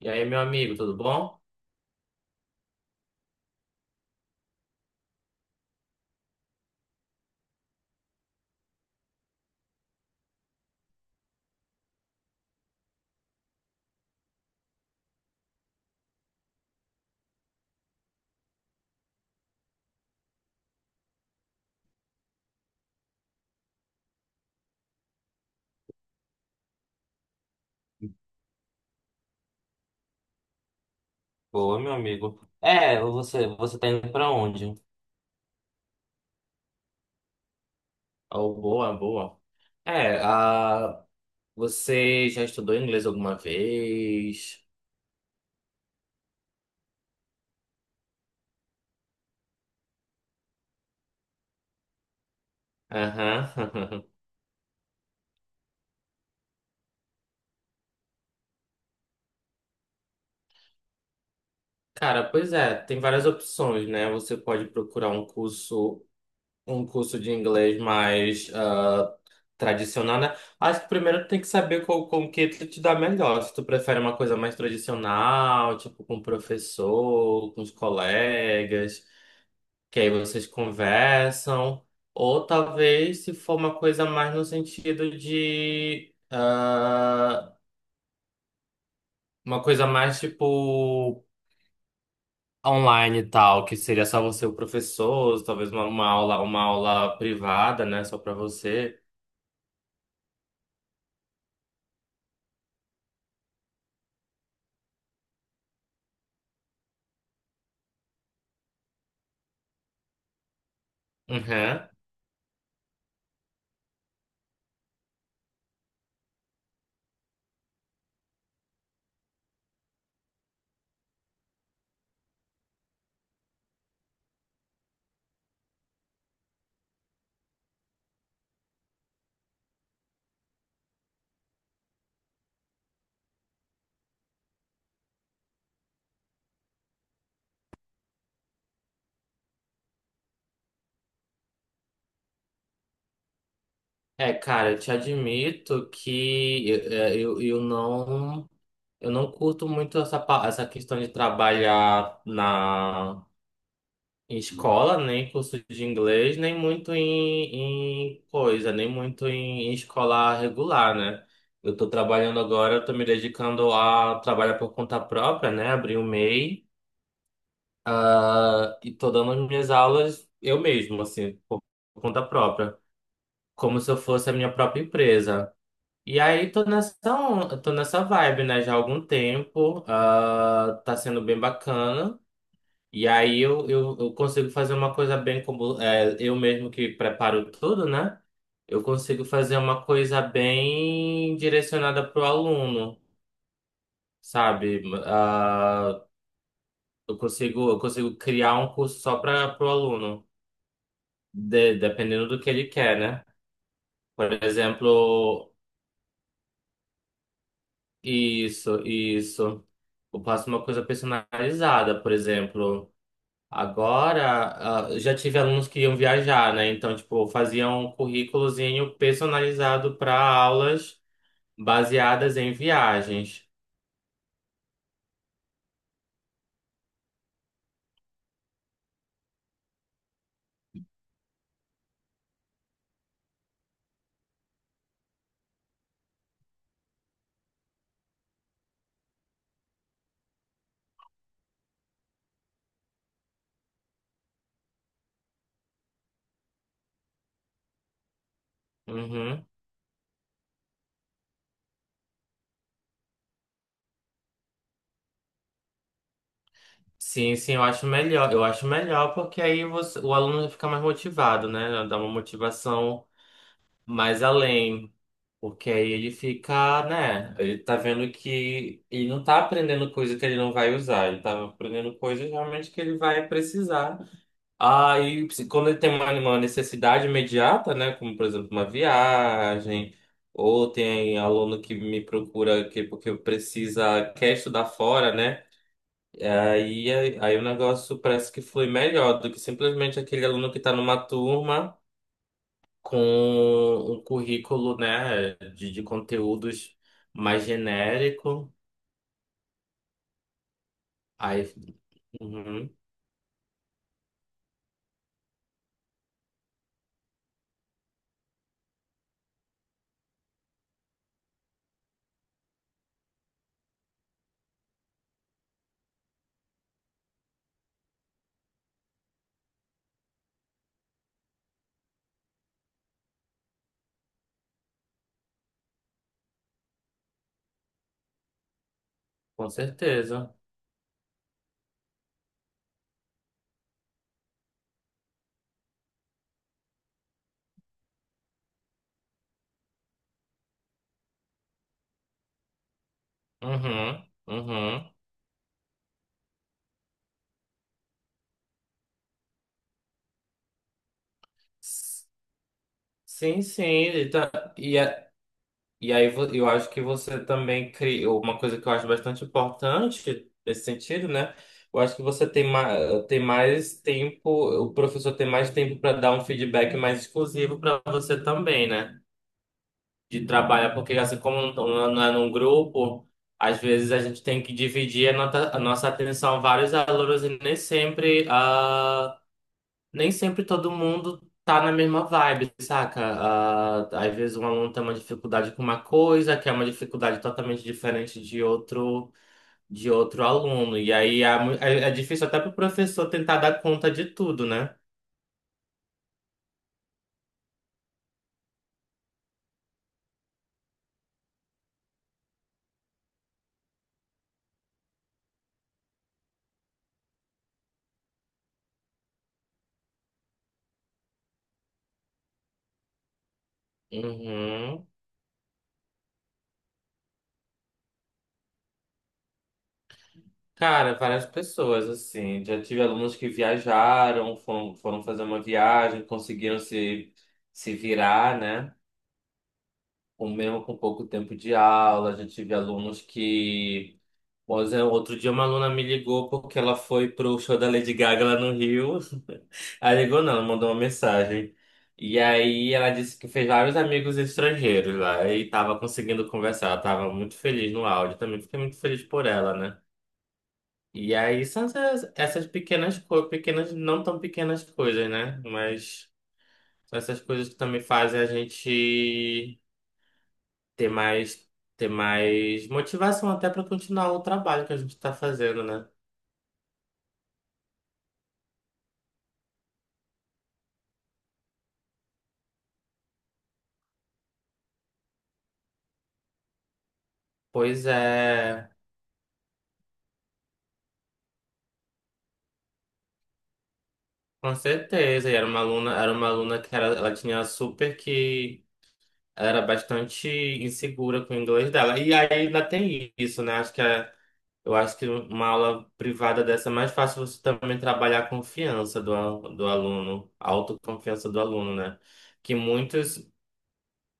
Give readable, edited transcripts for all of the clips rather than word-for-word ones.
E aí, meu amigo, tudo bom? Boa, meu amigo. É, você tá indo pra onde? Oh, boa, boa. É, você já estudou inglês alguma vez? Aham. Cara, pois é, tem várias opções, né? Você pode procurar um curso de inglês mais tradicional, né? Acho que primeiro tem que saber qual, com que tu te dá melhor. Se tu prefere uma coisa mais tradicional, tipo com o professor, com os colegas, que aí vocês conversam, ou talvez se for uma coisa mais no sentido de uma coisa mais tipo online e tal, que seria só você e o professor, talvez uma aula privada, né, só pra você. Uhum. É, cara, eu te admito que eu não eu não curto muito essa, essa questão de trabalhar na escola, nem curso de inglês, nem muito em, em coisa, nem muito em, em escola regular, né? Eu estou trabalhando agora, eu tô me dedicando a trabalhar por conta própria, né? Abri o MEI e tô dando as minhas aulas eu mesmo, assim, por conta própria, como se eu fosse a minha própria empresa. E aí tô nessa, tô nessa vibe, né? Já há algum tempo, ah, tá sendo bem bacana. E aí eu consigo fazer uma coisa bem, como é, eu mesmo que preparo tudo, né? Eu consigo fazer uma coisa bem direcionada para o aluno, sabe? Eu consigo criar um curso só para o aluno, dependendo do que ele quer, né? Por exemplo, isso, isso. Eu faço uma coisa personalizada, por exemplo. Agora, ah, já tive alunos que iam viajar, né? Então, tipo, faziam um currículozinho personalizado para aulas baseadas em viagens. Uhum. Sim, sim, eu acho melhor. Eu acho melhor porque aí o aluno fica mais motivado, né? Dá uma motivação mais além. Porque aí ele fica, né? Ele tá vendo que ele não tá aprendendo coisa que ele não vai usar, ele tá aprendendo coisas realmente que ele vai precisar. Aí, quando ele tem uma necessidade imediata, né, como por exemplo uma viagem, ou tem aluno que me procura que, porque precisa, quer estudar fora, né? Aí o negócio parece que flui melhor do que simplesmente aquele aluno que está numa turma com um currículo, né, de conteúdos mais genérico. Aí, uhum, com certeza. Uhum, uhum. Sim, sim. E aí eu acho que você também criou uma coisa que eu acho bastante importante nesse sentido, né? Eu acho que você tem, ma tem mais tempo, o professor tem mais tempo para dar um feedback mais exclusivo para você também, né? De trabalhar, porque assim como não é num grupo, às vezes a gente tem que dividir a, a nossa atenção a vários alunos, e nem sempre, nem sempre todo mundo tá na mesma vibe, saca? Ah, às vezes um aluno tem uma dificuldade com uma coisa, que é uma dificuldade totalmente diferente de outro, de outro aluno. E aí é difícil até pro professor tentar dar conta de tudo, né? Uhum. Cara, várias pessoas, assim. Já tive alunos que viajaram, foram, foram fazer uma viagem, conseguiram se virar, né? Ou mesmo com pouco tempo de aula. Já tive alunos que... Pois é, outro dia uma aluna me ligou porque ela foi pro show da Lady Gaga lá no Rio. Aí ligou não, ela mandou uma mensagem. E aí ela disse que fez vários amigos estrangeiros lá e tava conseguindo conversar. Ela tava muito feliz no áudio, também fiquei muito feliz por ela, né? E aí são essas, essas pequenas coisas, pequenas, não tão pequenas coisas, né? Mas são essas coisas que também fazem a gente ter mais, ter mais motivação até para continuar o trabalho que a gente está fazendo, né? Pois é. Com certeza, e era uma aluna que era, ela tinha super que ela era bastante insegura com o inglês dela. E aí ainda tem isso, né? Acho que é, eu acho que uma aula privada dessa é mais fácil você também trabalhar a confiança do aluno, a autoconfiança do aluno, né? Que muitos,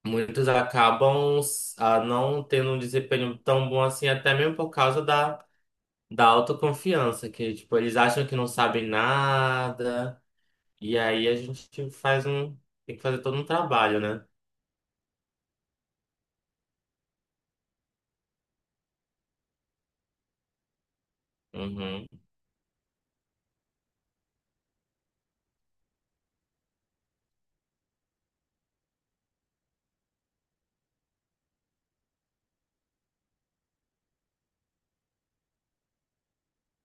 muitos acabam, ah, não tendo um desempenho tão bom assim, até mesmo por causa da autoconfiança, que tipo, eles acham que não sabem nada. E aí a gente faz um... Tem que fazer todo um trabalho, né? Uhum,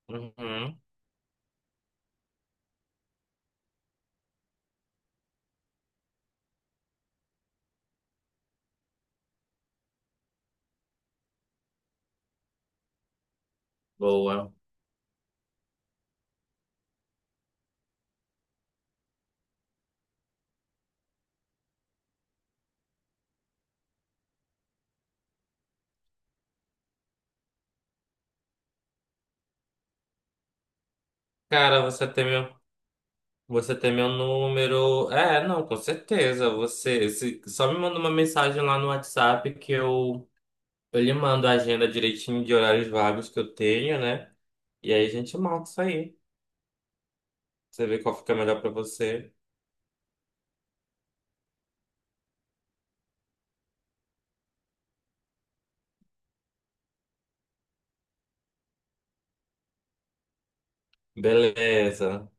uhum. Boa. Cara, você tem meu. Você tem meu número. É, não, com certeza. Você. Se- Só me manda uma mensagem lá no WhatsApp que eu... Eu lhe mando a agenda direitinho de horários vagos que eu tenho, né? E aí a gente marca isso aí. Você vê qual fica melhor pra você. Beleza.